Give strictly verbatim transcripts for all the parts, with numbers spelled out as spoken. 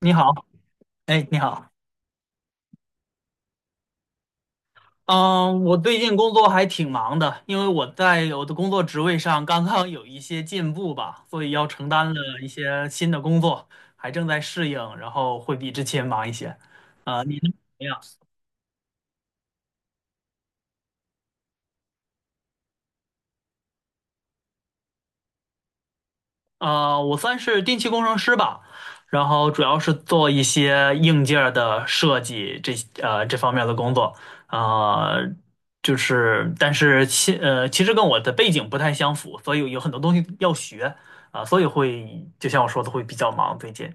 你好，哎，你好，嗯，我最近工作还挺忙的，因为我在我的工作职位上刚刚有一些进步吧，所以要承担了一些新的工作，还正在适应，然后会比之前忙一些。啊、你呢？怎么样？啊、我算是电气工程师吧，然后主要是做一些硬件儿的设计这呃这方面的工作。啊、就是，但是其呃其实跟我的背景不太相符，所以有很多东西要学，啊、所以会就像我说的会比较忙最近。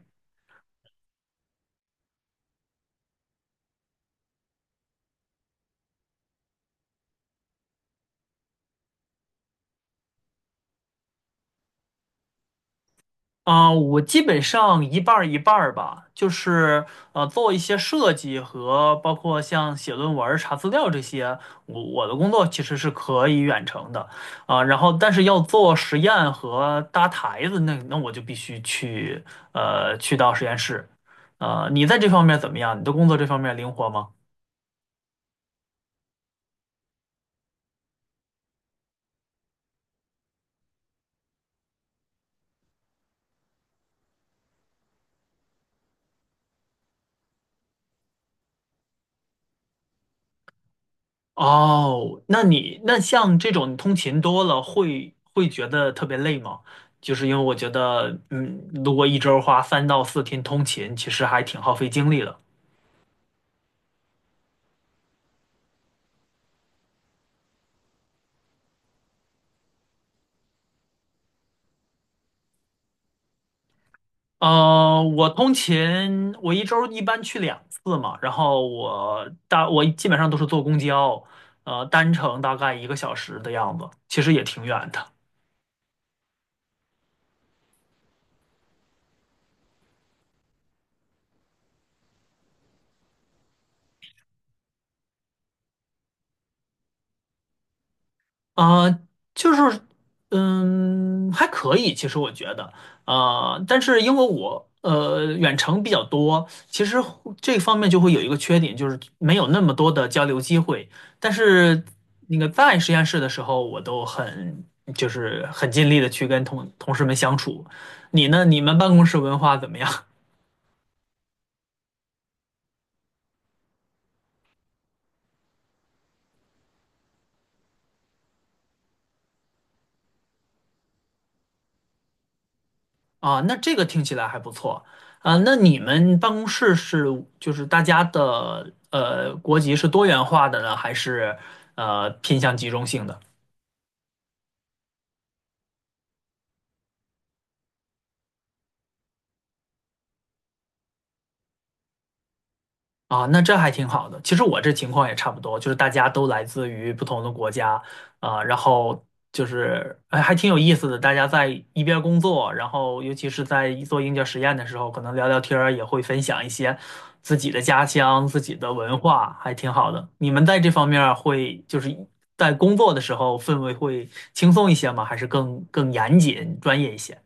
啊，我基本上一半儿一半儿吧，就是呃，做一些设计和包括像写论文儿查资料这些，我我的工作其实是可以远程的，啊，然后但是要做实验和搭台子，那那我就必须去呃去到实验室。呃，你在这方面怎么样？你的工作这方面灵活吗？哦，那你那像这种通勤多了会会觉得特别累吗？就是因为我觉得，嗯，如果一周花三到四天通勤，其实还挺耗费精力的。呃，我通勤，我一周一般去两次嘛，然后我大我基本上都是坐公交，呃，单程大概一个小时的样子，其实也挺远的。啊，就是，嗯，还可以，其实我觉得，啊，但是因为我呃远程比较多，其实这方面就会有一个缺点，就是没有那么多的交流机会。但是那个在实验室的时候，我都很就是很尽力的去跟同同事们相处。你呢？你们办公室文化怎么样？啊，那这个听起来还不错啊。那你们办公室是就是大家的呃国籍是多元化的呢，还是呃偏向集中性的？啊，那这还挺好的。其实我这情况也差不多，就是大家都来自于不同的国家啊，然后就是哎，还挺有意思的。大家在一边工作，然后尤其是在做硬件实验的时候，可能聊聊天儿，也会分享一些自己的家乡、自己的文化，还挺好的。你们在这方面儿会就是在工作的时候氛围会轻松一些吗？还是更更严谨、专业一些？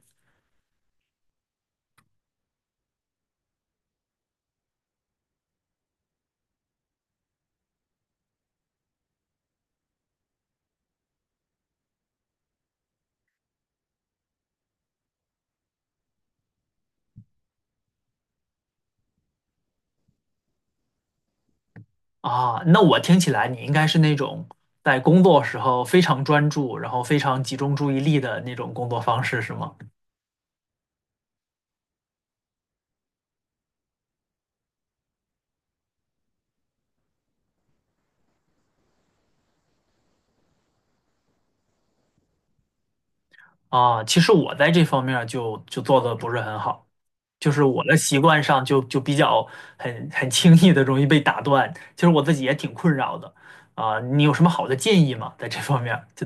啊，那我听起来你应该是那种在工作时候非常专注，然后非常集中注意力的那种工作方式，是吗？啊，其实我在这方面儿就就做的不是很好，就是我的习惯上就就比较很很轻易的容易被打断，其实我自己也挺困扰的。啊，你有什么好的建议吗？在这方面儿，就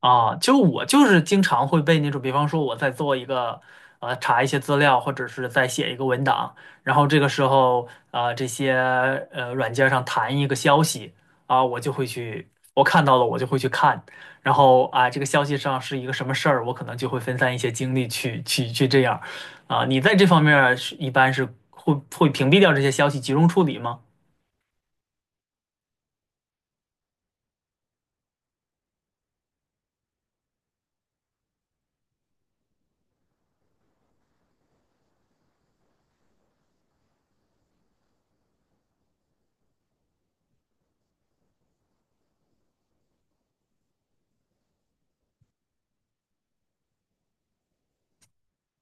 啊，就我就是经常会被那种，比方说我在做一个，呃，查一些资料，或者是在写一个文档，然后这个时候，呃，这些呃软件上弹一个消息，啊，我就会去，我看到了我就会去看，然后啊，这个消息上是一个什么事儿，我可能就会分散一些精力去去去这样，啊，你在这方面儿是一般是会会屏蔽掉这些消息，集中处理吗？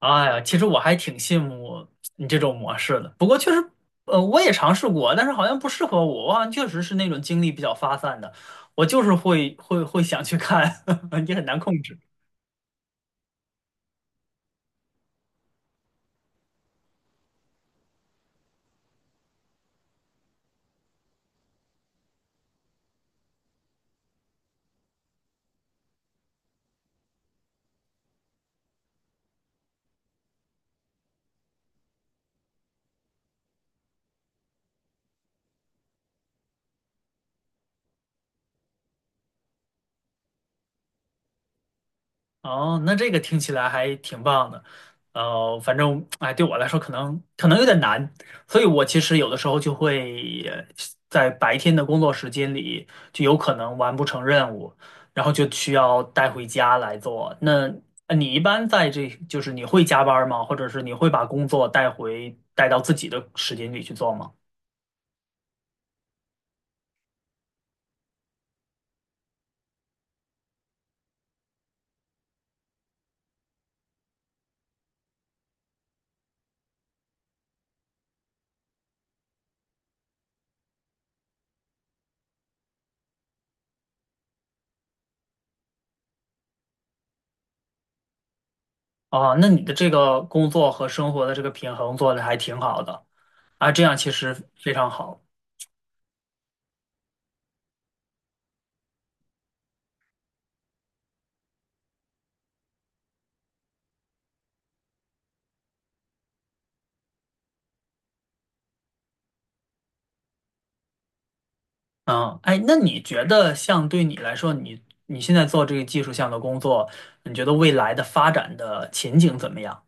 哎呀，其实我还挺羡慕你这种模式的。呃，我也尝试过，但是好像不适合我，我好像确实是那种精力比较发散的，我就是会会会想去看，也很难控制。哦，那这个听起来还挺棒的，呃，反正哎，对我来说可能可能有点难，所以我其实有的时候就会呃在白天的工作时间里，就有可能完不成任务，然后就需要带回家来做。那呃你一般在这，就是你会加班儿吗？或者是你会把工作带回带到自己的时间里去做吗？哦，那你的这个工作和生活的这个平衡做的还挺好的啊，这样其实非常好。嗯，哎，那你觉得像对你来说，你你现在做这个技术项的工作，你觉得未来的发展的前景怎么样？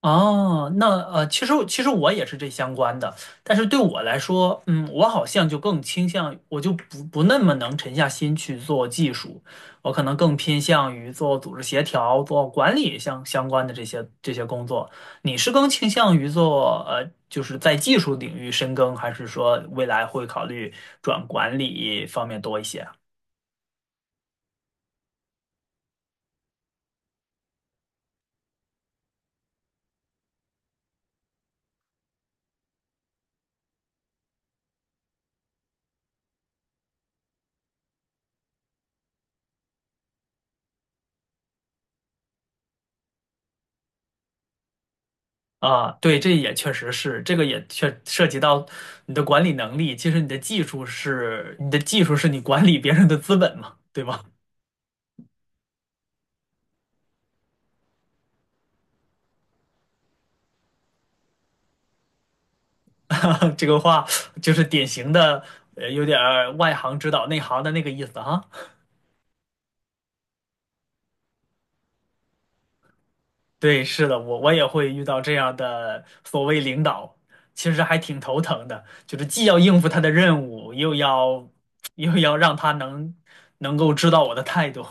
哦，那呃，其实其实我也是这相关的，但是对我来说，嗯，我好像就更倾向，我就不不那么能沉下心去做技术，我可能更偏向于做组织协调、做管理相相关的这些这些工作。你是更倾向于做呃，就是在技术领域深耕，还是说未来会考虑转管理方面多一些啊啊，对，这也确实是，这个也确涉及到你的管理能力。其实你的技术是你的技术是你管理别人的资本嘛，对吧？这个话就是典型的，呃，有点儿外行指导内行的那个意思哈。对，是的，我我也会遇到这样的所谓领导，其实还挺头疼的，就是既要应付他的任务，又要又要让他能能够知道我的态度。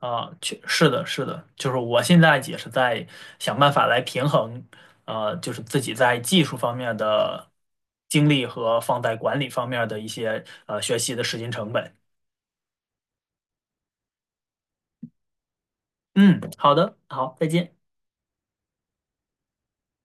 啊，确是的，是的，就是我现在也是在想办法来平衡，呃，就是自己在技术方面的精力和放在管理方面的一些呃学习的时间成本。嗯，好的，好，再见。